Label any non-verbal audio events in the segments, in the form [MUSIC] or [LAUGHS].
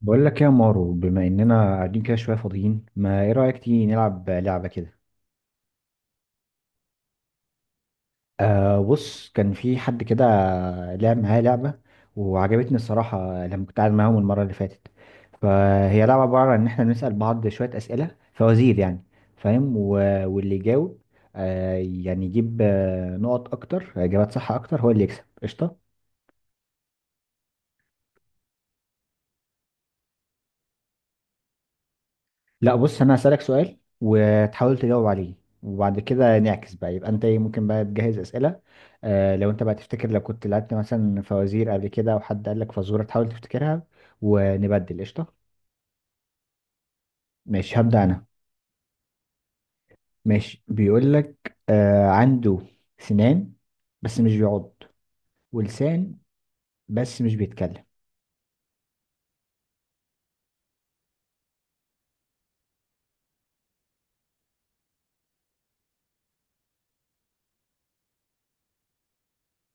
بقول لك إيه يا مارو، بما اننا قاعدين كده شويه فاضيين، ما ايه رايك تيجي نلعب لعبه كده؟ بص، كان في حد كده لعب معايا لعبه وعجبتني الصراحه لما كنت قاعد معاهم المره اللي فاتت. فهي لعبه عباره عن ان احنا بنسال بعض شويه اسئله، فوازير يعني، فاهم واللي يجاوب يجيب نقط اكتر، اجابات صح اكتر، هو اللي يكسب قشطه. لا بص، انا هسألك سؤال وتحاول تجاوب عليه، وبعد كده نعكس بقى، يبقى انت إيه، ممكن بقى تجهز اسئله. لو انت بقى تفتكر لو كنت لعبت مثلا فوازير قبل كده او حد قال لك فزوره تحاول تفتكرها، ونبدل قشطه. ماشي هبدا انا. ماشي، بيقول لك عنده سنان بس مش بيعض، ولسان بس مش بيتكلم.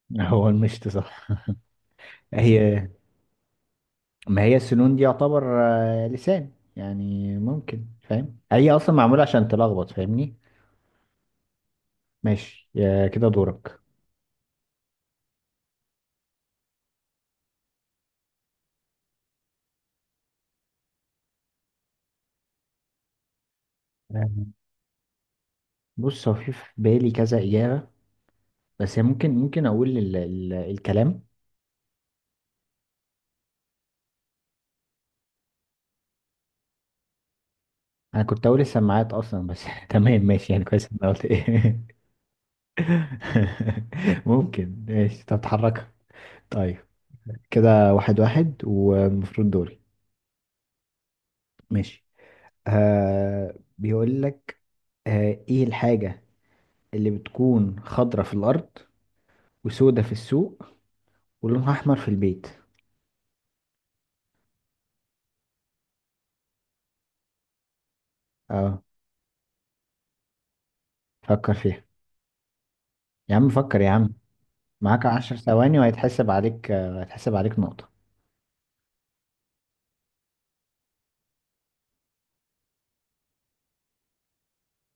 [LAUGHS] هو المشط صح. هي ما هي السنون دي يعتبر لسان يعني، ممكن، فاهم؟ هي اصلا معموله عشان تلخبط، فاهمني. ماشي يا كده دورك. آه، بص هو في بالي كذا إجابة بس هي ممكن أقول ال الكلام. أنا كنت أقول السماعات أصلا بس [LAUGHS] تمام، ماشي يعني، كويس إن أنا قلت إيه. [LAUGHS] ممكن، ماشي تتحرك. طيب، كده واحد واحد والمفروض دوري. ماشي، بيقول لك آه، إيه الحاجة اللي بتكون خضرة في الأرض وسودة في السوق ولونها أحمر في البيت؟ اه، فكر فيها. يا عم فكر يا عم، معاك 10 ثواني وهيتحسب عليك آه، هيتحسب عليك نقطة.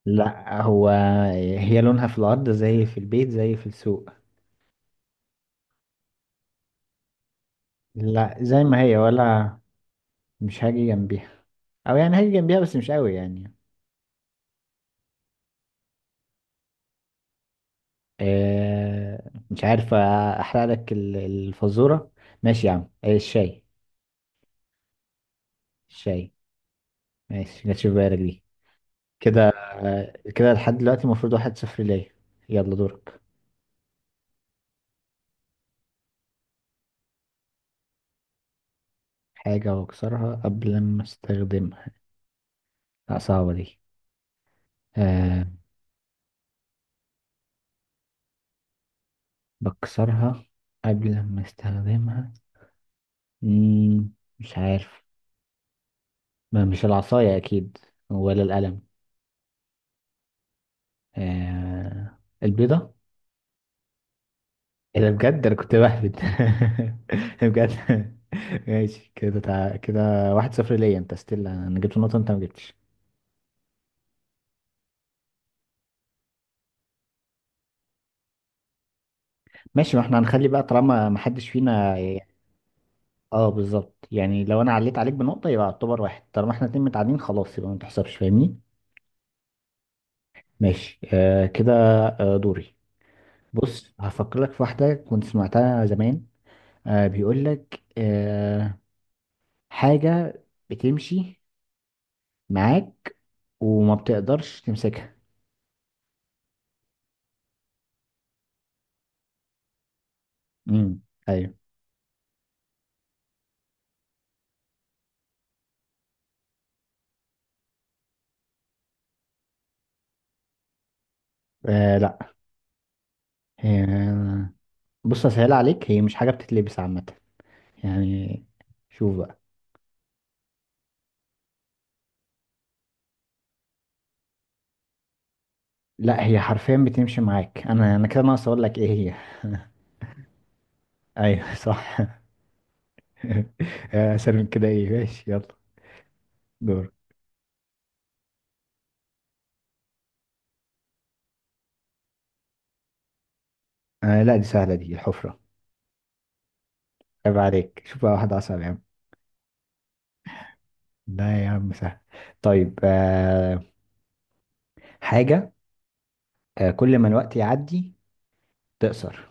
لا، هو هي لونها في الأرض زي في البيت زي في السوق. لا زي ما هي، ولا مش هاجي جنبيها، أو يعني هاجي جنبيها بس مش قوي يعني. آه مش عارف، أحرق لك الفزورة. ماشي يا عم آه، الشاي. الشاي. ماشي، جاتش في بالك دي. كده آه، كده لحد دلوقتي المفروض واحد صفر ليا. يلا دورك. حاجة وأكسرها قبل ما أستخدمها؟ لا صعبة دي. آه، بكسرها قبل ما استخدمها. مم، مش عارف. ما مش العصاية أكيد، ولا القلم. آه البيضة. إيه ده، بجد أنا كنت بهبد. [LAUGHS] بجد. ماشي كده كده، واحد صفر ليا، أنت ستيل أنا جبت نقطة أنت ما جبتش. ماشي، ما احنا هنخلي بقى طالما ما حدش فينا. اه بالظبط يعني، لو أنا عليت عليك بنقطة يبقى اعتبر واحد، طالما احنا اتنين متعادلين خلاص يبقى ما تحسبش، فاهمني. ماشي، آه كده. آه دوري. بص هفكر لك في واحدة كنت سمعتها زمان. آه بيقول لك آه، حاجة بتمشي معاك وما بتقدرش تمسكها. امم ايوه. آه لا. آه بص، هسهل عليك، هي مش حاجة بتتلبس عامة يعني، شوف بقى. لا هي حرفيا بتمشي معاك، انا كده ناقص اقول لك ايه هي. ايوه صح. [LAUGHS] آه، اسهل من كده، ايه ماشي يلا. دور. آه لا دي سهلة، دي الحفرة. عيب عليك، شوف بقى واحدة اصعب يا عم. لا يا عم سهل. طيب آه، حاجة آه، كل ما الوقت يعدي تقصر.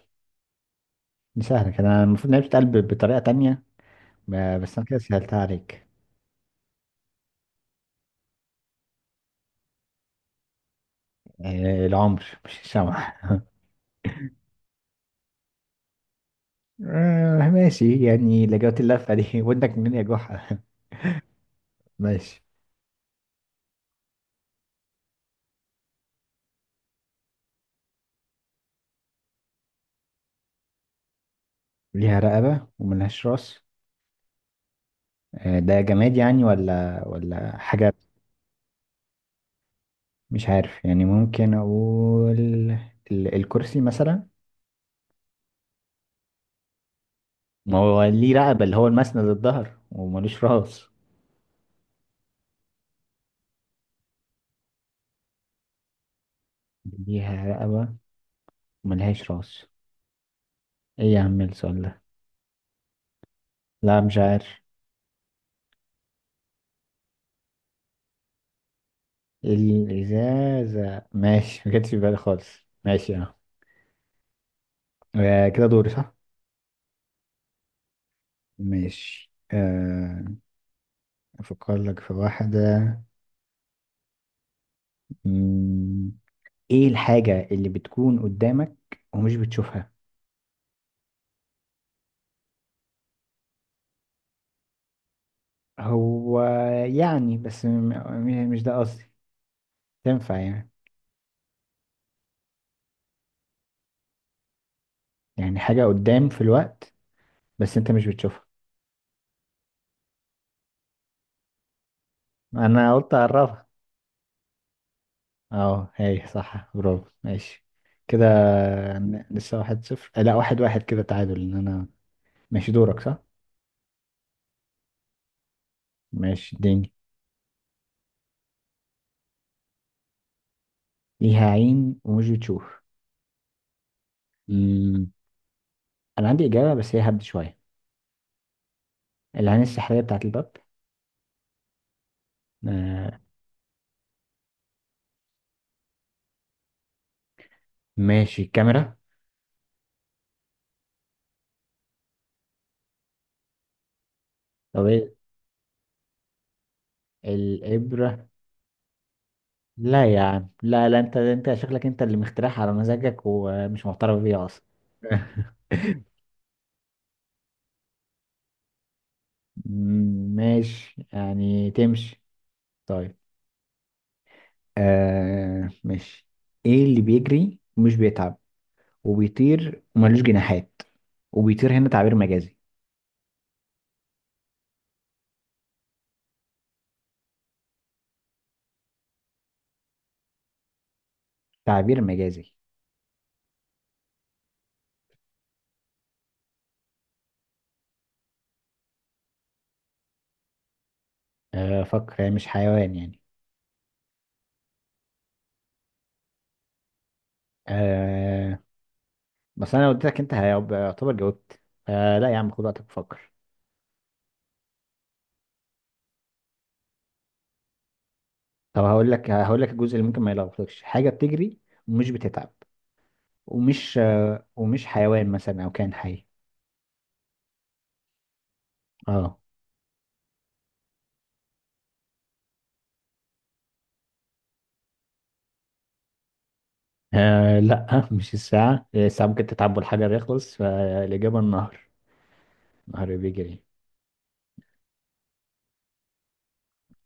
دي سهلة، كده أنا المفروض إنها بتتقال بطريقة تانية. آه، بس أنا كده سهلتها عليك. آه العمر، مش الشمع. آه ماشي يعني، لجوت اللفة دي [LAUGHS] ودك منين يا جحا. [LAUGHS] ماشي. ليها رقبة وملهاش راس. آه ده جماد يعني ولا حاجة؟ مش عارف يعني، ممكن أقول الكرسي مثلا. ما هو ليه رقبة، اللي هو المسند الظهر، وملوش راس. ليها رقبة، ملهاش راس، ايه يا عم السؤال ده. لا مش عارف. الإزازة، ماشي ما جاتش في بالي خالص. ماشي اه. آه، كده دوري صح. ماشي آه، أفكر لك في واحدة. مم، ايه الحاجة اللي بتكون قدامك ومش بتشوفها؟ هو يعني، بس مش ده قصدي، تنفع يعني. يعني حاجة قدام في الوقت، بس انت مش بتشوفها. انا قلت اعرفها. اه هي صح، برافو ماشي. كده لسه واحد صفر آه، لا واحد واحد كده، تعادل ان انا. ماشي دورك صح. ماشي اديني. ليها عين ومش بتشوف. مم. انا عندي اجابة بس هي هبد شوية، العين السحرية بتاعت الباب. آه. ماشي، الكاميرا. طب ايه، الإبرة؟ لا يا عم لا لا، انت انت شكلك انت اللي مخترعها على مزاجك ومش معترف بيها اصلا. [LAUGHS] ماشي يعني تمشي. طيب آه ماشي. ايه اللي بيجري ومش بيتعب، وبيطير وملوش جناحات، وبيطير هنا تعبير مجازي. تعبير مجازي. آه فكر، يعني مش حيوان يعني. آه بس انا لو اديتك انت هيبقى، يعتبر جاوبت. آه لا يا عم، خد وقتك وفكر. طب هقول لك الجزء اللي ممكن ما يلخبطكش، حاجة بتجري ومش بتتعب، ومش آه ومش حيوان مثلا او كائن حي. اه. آه لا مش الساعة، الساعة ممكن تتعب والحجر يخلص، فالإجابة النهر. النهر بيجري.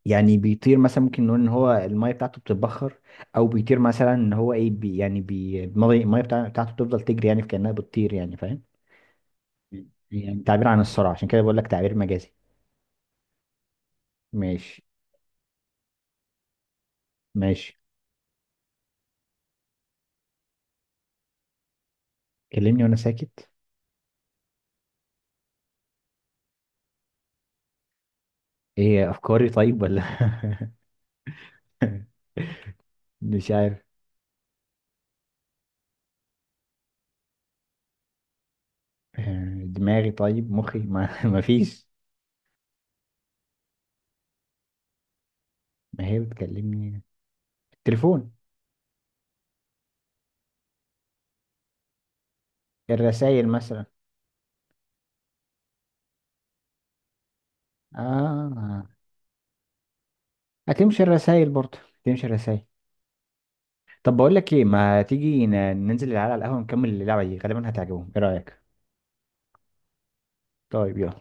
يعني بيطير مثلا، ممكن نقول ان هو الميه بتاعته بتتبخر، او بيطير مثلا ان هو ايه بي يعني بي المية بتاعته بتفضل تجري يعني كانها بتطير يعني، فاهم. يعني تعبير عن السرعه، عشان كده بقول لك تعبير مجازي. ماشي. ماشي، كلمني وانا ساكت. ايه، افكاري طيب ولا؟ [LAUGHS] مش عارف. آه، دماغي طيب، مخي ما [LAUGHS] ما فيش. ما هي بتكلمني، التليفون. الرسائل مثلا. اه، هتمشي الرسائل برضه. تمشي الرسائل. طب بقول لك ايه، ما تيجي ننزل العيال على القهوه نكمل اللعبه دي، غالبا هتعجبهم، ايه رايك؟ طيب يلا.